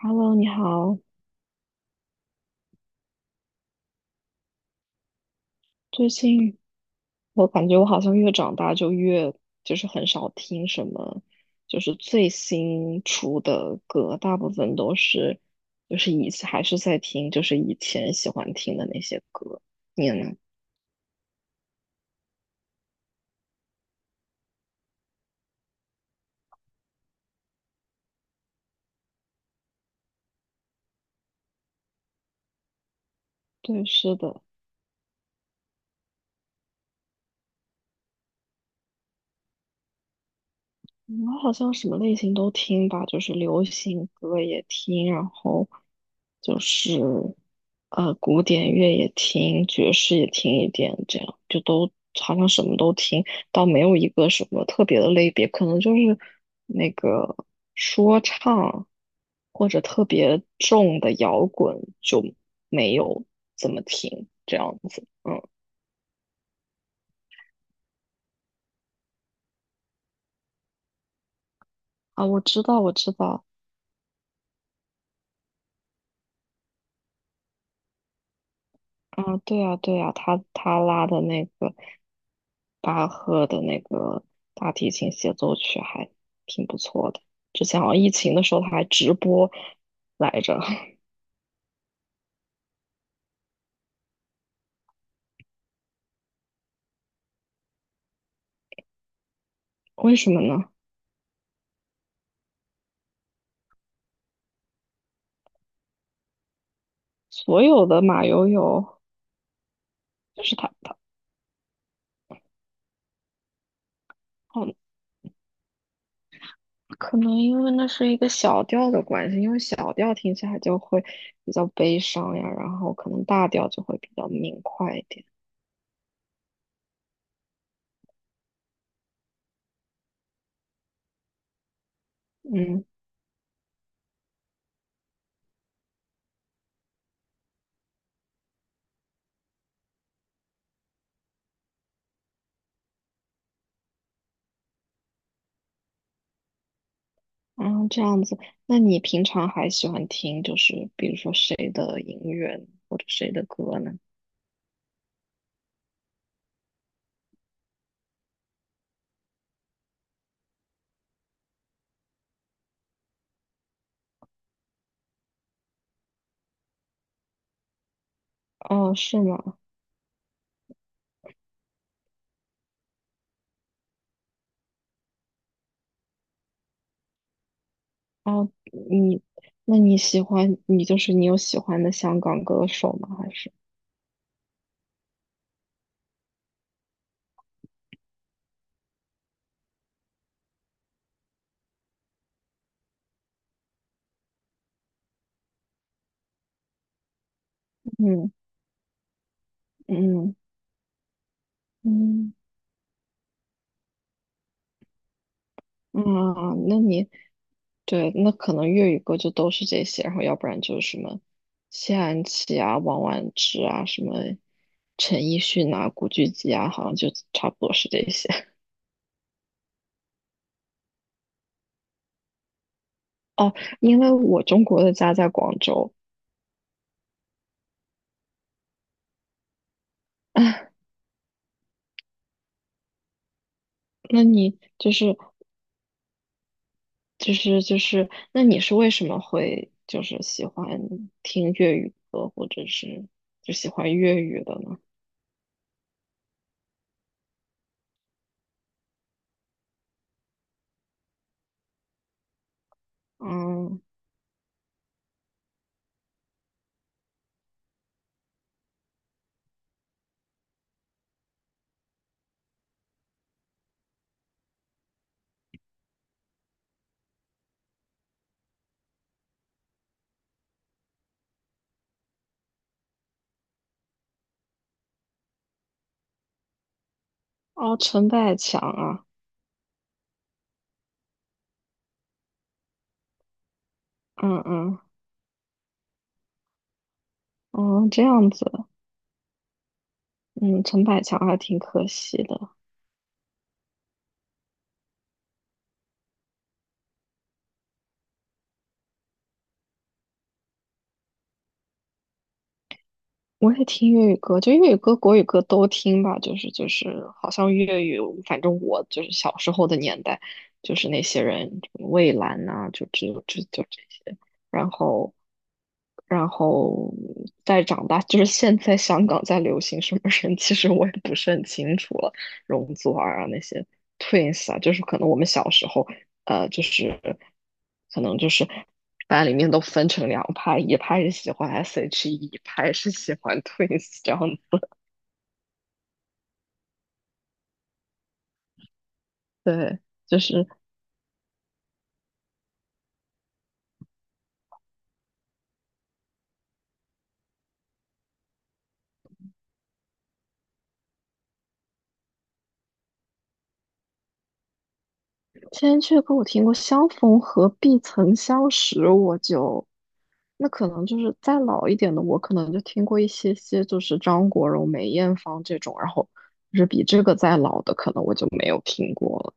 Hello，你好。最近我感觉我好像越长大就越就是很少听什么，就是最新出的歌，大部分都是就是还是在听就是以前喜欢听的那些歌。你呢？对，是的。我好像什么类型都听吧，就是流行歌也听，然后就是古典乐也听，爵士也听一点，这样就都好像什么都听，倒没有一个什么特别的类别，可能就是那个说唱或者特别重的摇滚就没有怎么听这样子。嗯啊，我知道，我知道。啊，对啊，对啊，他拉的那个巴赫的那个大提琴协奏曲还挺不错的。之前好像疫情的时候他还直播来着，为什么呢？所有的马友友就是他哦，可能因为那是一个小调的关系，因为小调听起来就会比较悲伤呀，然后可能大调就会比较明快一点。嗯。啊，这样子，那你平常还喜欢听，就是比如说谁的音乐呢或者谁的歌呢？哦，是吗？哦，你，那你喜欢，你就是你有喜欢的香港歌手吗？还是，嗯嗯嗯嗯，那你，对，那可能粤语歌就都是这些，然后要不然就是什么谢安琪啊、王婉之啊、什么陈奕迅啊、古巨基啊，好像就差不多是这些。哦，因为我中国的家在广州，啊，那你就是，那你是为什么会就是喜欢听粤语歌，或者是就喜欢粤语的呢？嗯，哦，陈百强啊，嗯嗯哦，这样子，嗯，陈百强还挺可惜的。我也听粤语歌，就粤语歌、国语歌都听吧。就是，好像粤语，反正我就是小时候的年代，就是那些人，蔚蓝呐、就只有就这些。然后，然后再长大，就是现在香港在流行什么人，其实我也不是很清楚了。容祖儿啊，那些 Twins 啊，就是可能我们小时候就是可能就是大家里面都分成两派，一派是喜欢 SHE，一派是喜欢 Twins 这样的。对，就是千阙歌我听过《相逢何必曾相识》，那可能就是再老一点的，我可能就听过一些些，就是张国荣、梅艳芳这种，然后就是比这个再老的，可能我就没有听过了。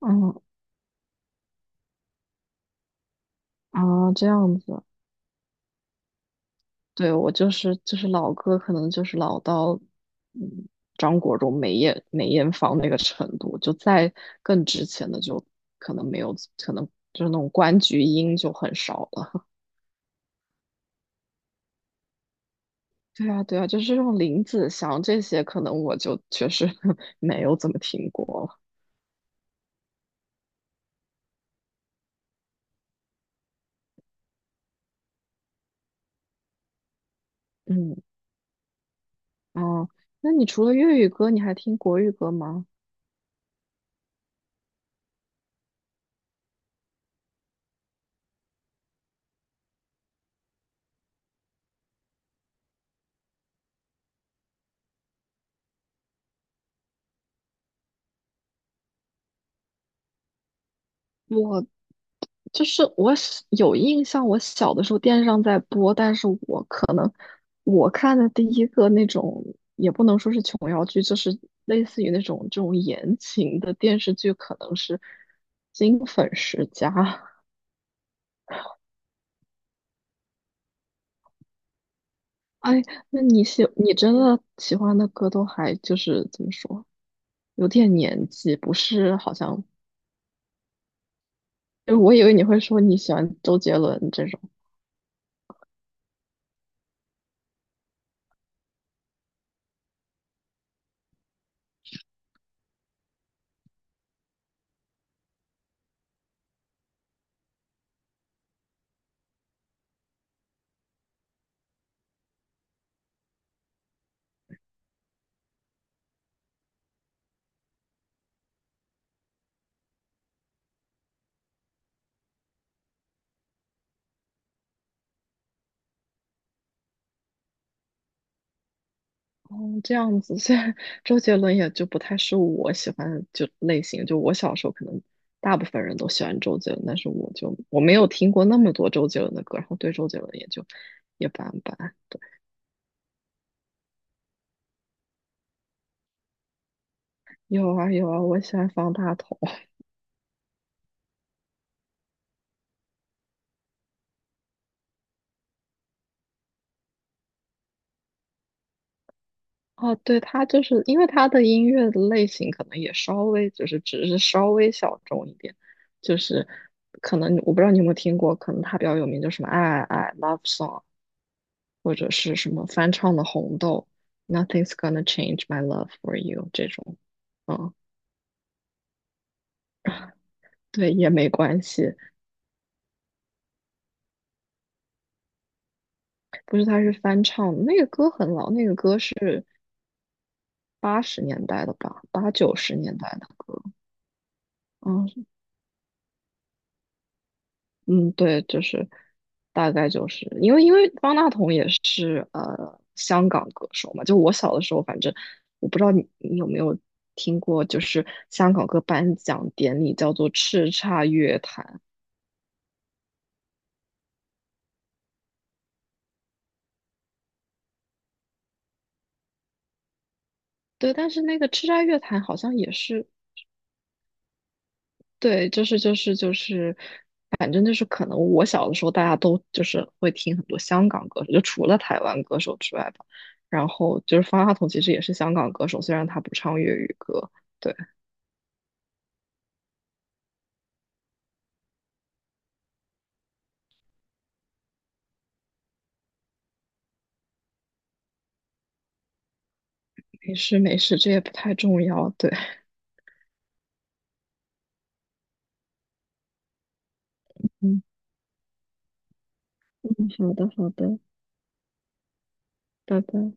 嗯啊，这样子。对，我就是老歌，可能就是老到嗯张国荣、梅艳芳那个程度，就再更之前的就可能没有，可能就是那种关菊英就很少了。对啊，对啊，就是这种林子祥这些，可能我就确实 没有怎么听过了。嗯，哦，那你除了粤语歌，你还听国语歌吗？我。就是我小有印象，我小的时候电视上在播，但是我可能我看的第一个那种也不能说是琼瑶剧，就是类似于这种言情的电视剧，可能是《金粉世家》。哎，那你你真的喜欢的歌都还就是怎么说，有点年纪，不是好像，因为我以为你会说你喜欢周杰伦这种。哦，这样子，现在周杰伦也就不太是我喜欢的就类型。就我小时候可能大部分人都喜欢周杰伦，但是我没有听过那么多周杰伦的歌，然后对周杰伦也就一般般。有啊有啊，我喜欢方大同。哦，对，他就是因为他的音乐的类型可能也稍微就是只是稍微小众一点，就是可能我不知道你有没有听过，可能他比较有名就什么爱爱爱 Love Song。或者是什么翻唱的《红豆》，Nothing's gonna change my love for you 这种，嗯，对，也没关系。不是，他是翻唱的，那个歌很老，那个歌是80年代的吧，80、90年代的歌。嗯嗯，对，就是大概就是因为方大同也是香港歌手嘛，就我小的时候，反正我不知道你有没有听过，就是香港歌颁奖典礼叫做叱咤乐坛。对，但是那个叱咤乐坛好像也是，对，就是，反正就是可能我小的时候大家都就是会听很多香港歌手，就除了台湾歌手之外吧。然后就是方大同其实也是香港歌手，虽然他不唱粤语歌。对，没事没事，这也不太重要。对，嗯嗯，好的好的，拜拜。